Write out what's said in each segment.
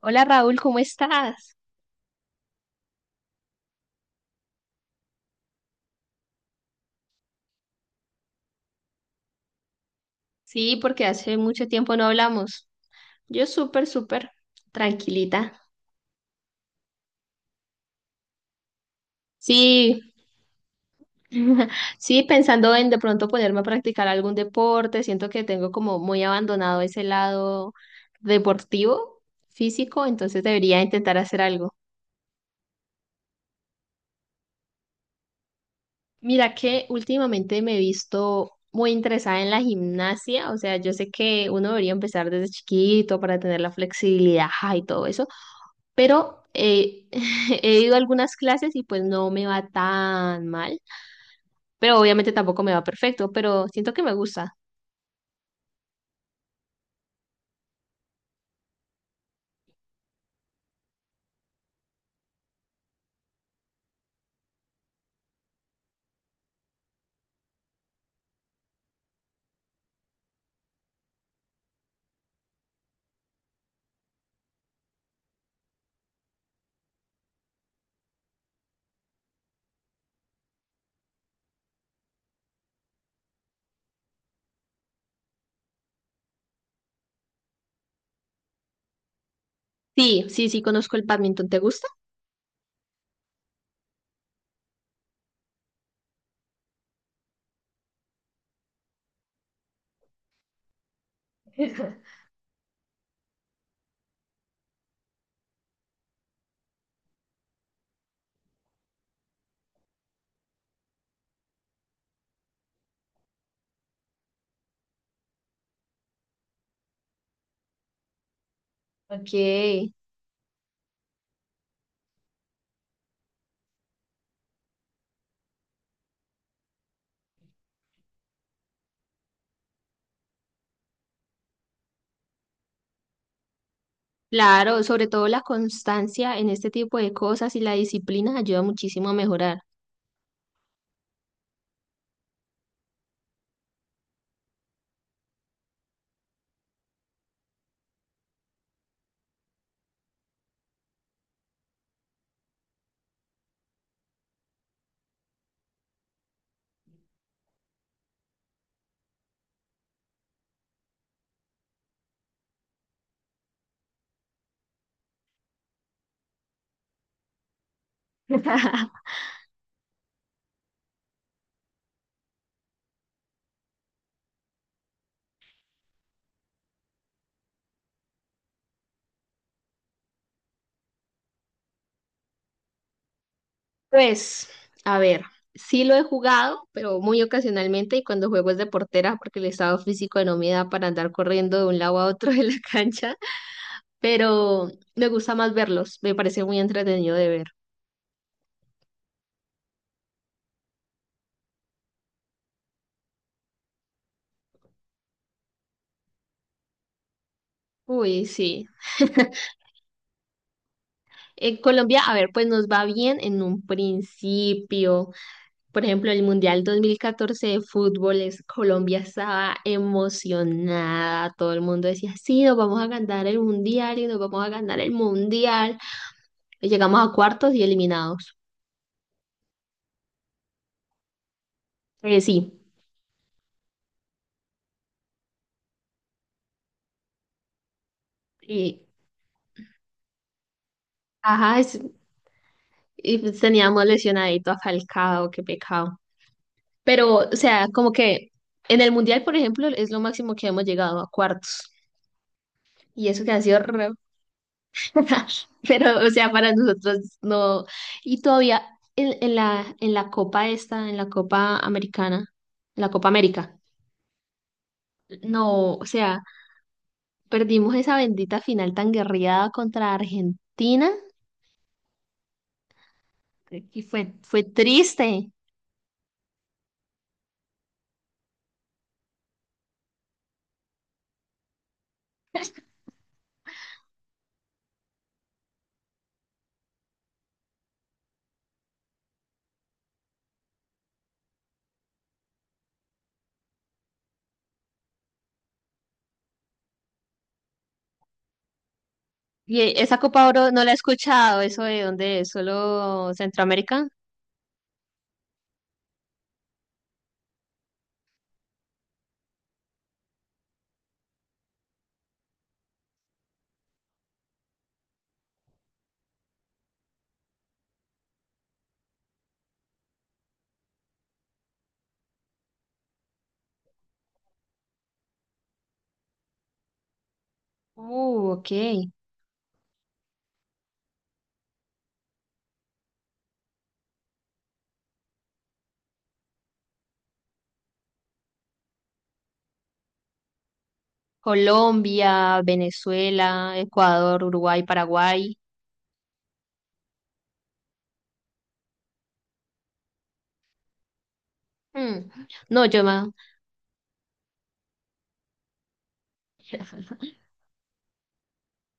Hola Raúl, ¿cómo estás? Sí, porque hace mucho tiempo no hablamos. Yo súper, tranquilita. Sí, sí, pensando en de pronto ponerme a practicar algún deporte. Siento que tengo como muy abandonado ese lado deportivo, físico, entonces debería intentar hacer algo. Mira que últimamente me he visto muy interesada en la gimnasia, o sea, yo sé que uno debería empezar desde chiquito para tener la flexibilidad y todo eso pero he ido a algunas clases y pues no me va tan mal, pero obviamente tampoco me va perfecto, pero siento que me gusta. Sí, sí, sí, conozco el badminton. ¿Te gusta? Ok. Claro, sobre todo la constancia en este tipo de cosas y la disciplina ayuda muchísimo a mejorar. Pues, a ver, sí lo he jugado, pero muy ocasionalmente, y cuando juego es de portera porque el estado físico no me da para andar corriendo de un lado a otro de la cancha. Pero me gusta más verlos, me parece muy entretenido de ver. Uy, sí. En Colombia, a ver, pues nos va bien en un principio. Por ejemplo, el Mundial 2014 de fútbol, Colombia estaba emocionada, todo el mundo decía, sí, nos vamos a ganar el Mundial y nos vamos a ganar el Mundial. Y llegamos a cuartos y eliminados. Sí, y, ajá, y pues teníamos lesionadito a Falcao, qué pecado. Pero, o sea, como que en el mundial, por ejemplo, es lo máximo que hemos llegado a cuartos. Y eso que ha sido raro. Pero, o sea, para nosotros no. Y todavía en en la Copa esta, en la Copa Americana, en la Copa América. No, o sea, perdimos esa bendita final tan guerreada contra Argentina. Fue triste. Y esa Copa Oro no la he escuchado, eso de dónde es, ¿solo Centroamérica? Ok. Colombia, Venezuela, Ecuador, Uruguay, Paraguay. Mm. No, yo más.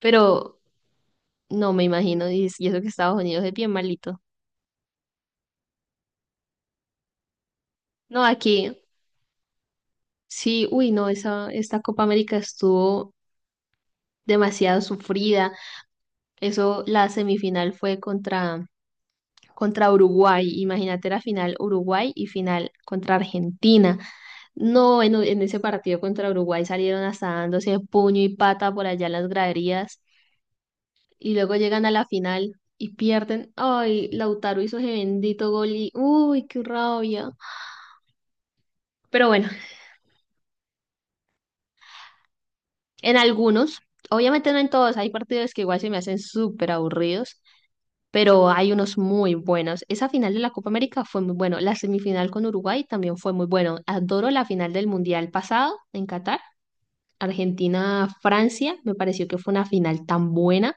Pero no me imagino, y eso que Estados Unidos es bien malito. No, aquí sí, uy, no, esta Copa América estuvo demasiado sufrida. Eso, la semifinal fue contra Uruguay. Imagínate la final Uruguay y final contra Argentina. No, en ese partido contra Uruguay salieron hasta dándose puño y pata por allá en las graderías. Y luego llegan a la final y pierden. Ay, Lautaro hizo ese bendito gol y uy, qué rabia. Pero bueno, en algunos, obviamente no en todos, hay partidos que igual se me hacen súper aburridos, pero hay unos muy buenos. Esa final de la Copa América fue muy bueno, la semifinal con Uruguay también fue muy bueno. Adoro la final del Mundial pasado en Qatar. Argentina-Francia, me pareció que fue una final tan buena.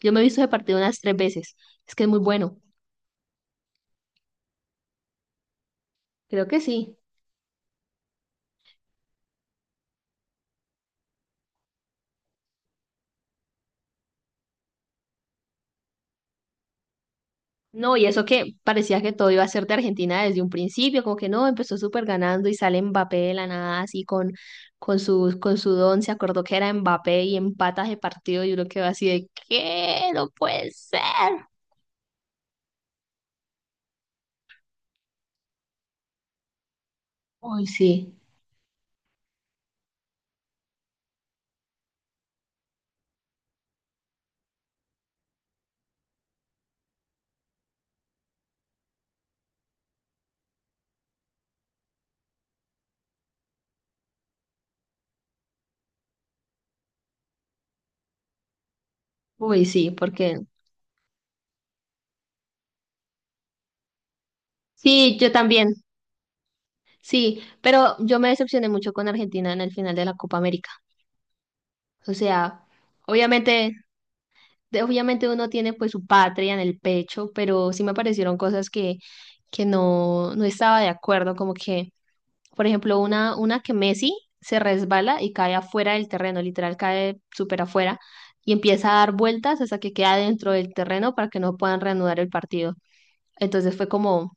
Yo me he visto ese partido unas tres veces. Es que es muy bueno. Creo que sí. No, y eso que parecía que todo iba a ser de Argentina desde un principio, como que no, empezó súper ganando y sale Mbappé de la nada, así con, con su don, se acordó que era Mbappé y empatas de partido y uno quedó así de, ¿qué? No puede ser. Uy, sí, uy, sí, porque sí, yo también, sí, pero yo me decepcioné mucho con Argentina en el final de la Copa América. O sea, obviamente obviamente uno tiene pues su patria en el pecho, pero sí me aparecieron cosas que no estaba de acuerdo, como que, por ejemplo, una que Messi se resbala y cae afuera del terreno, literal cae súper afuera y empieza a dar vueltas hasta que queda dentro del terreno para que no puedan reanudar el partido. Entonces fue como...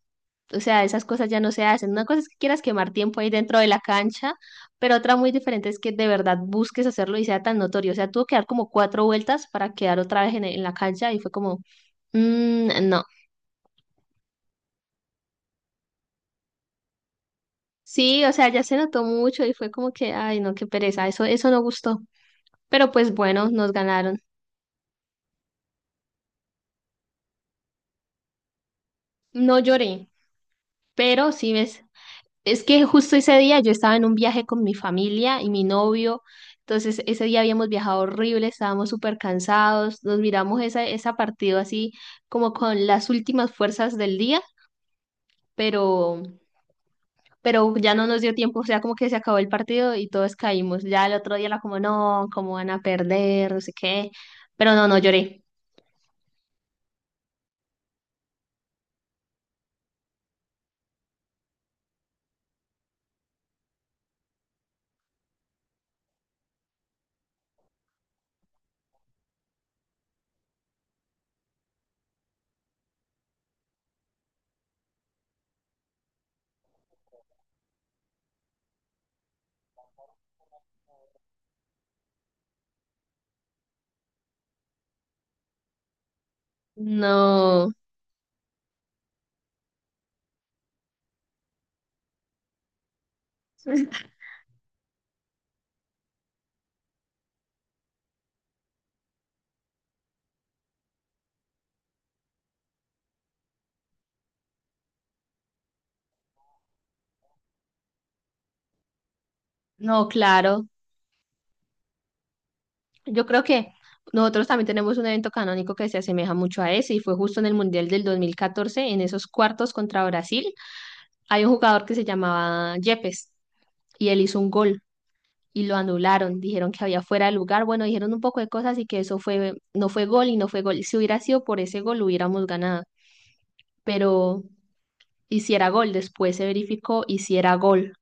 O sea, esas cosas ya no se hacen. Una cosa es que quieras quemar tiempo ahí dentro de la cancha, pero otra muy diferente es que de verdad busques hacerlo y sea tan notorio. O sea, tuvo que dar como cuatro vueltas para quedar otra vez en la cancha y fue como, "Mm, no". Sí, o sea, ya se notó mucho y fue como que, ay, no, qué pereza, eso no gustó. Pero pues bueno, nos ganaron. No lloré, pero sí ves, es que justo ese día yo estaba en un viaje con mi familia y mi novio, entonces ese día habíamos viajado horrible, estábamos súper cansados, nos miramos esa, esa partido así como con las últimas fuerzas del día, pero, pero ya no nos dio tiempo, o sea, como que se acabó el partido y todos caímos. Ya el otro día era como, no, cómo van a perder, no sé qué, pero no, no lloré. No, no, claro. Yo creo que nosotros también tenemos un evento canónico que se asemeja mucho a ese y fue justo en el Mundial del 2014 en esos cuartos contra Brasil. Hay un jugador que se llamaba Yepes y él hizo un gol y lo anularon. Dijeron que había fuera de lugar. Bueno, dijeron un poco de cosas y que eso fue, no fue gol y no fue gol. Si hubiera sido por ese gol, hubiéramos ganado. Pero hiciera gol, después se verificó, hiciera gol.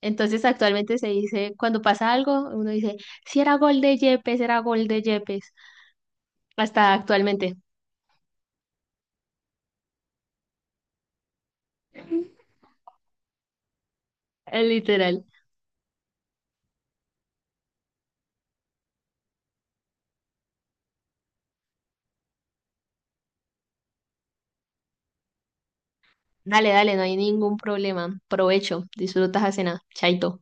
Entonces actualmente se dice, cuando pasa algo, uno dice, si era gol de Yepes, era gol de Yepes. Hasta actualmente. Literal. Dale, dale, no hay ningún problema. Provecho, disfrutas la cena. Chaito.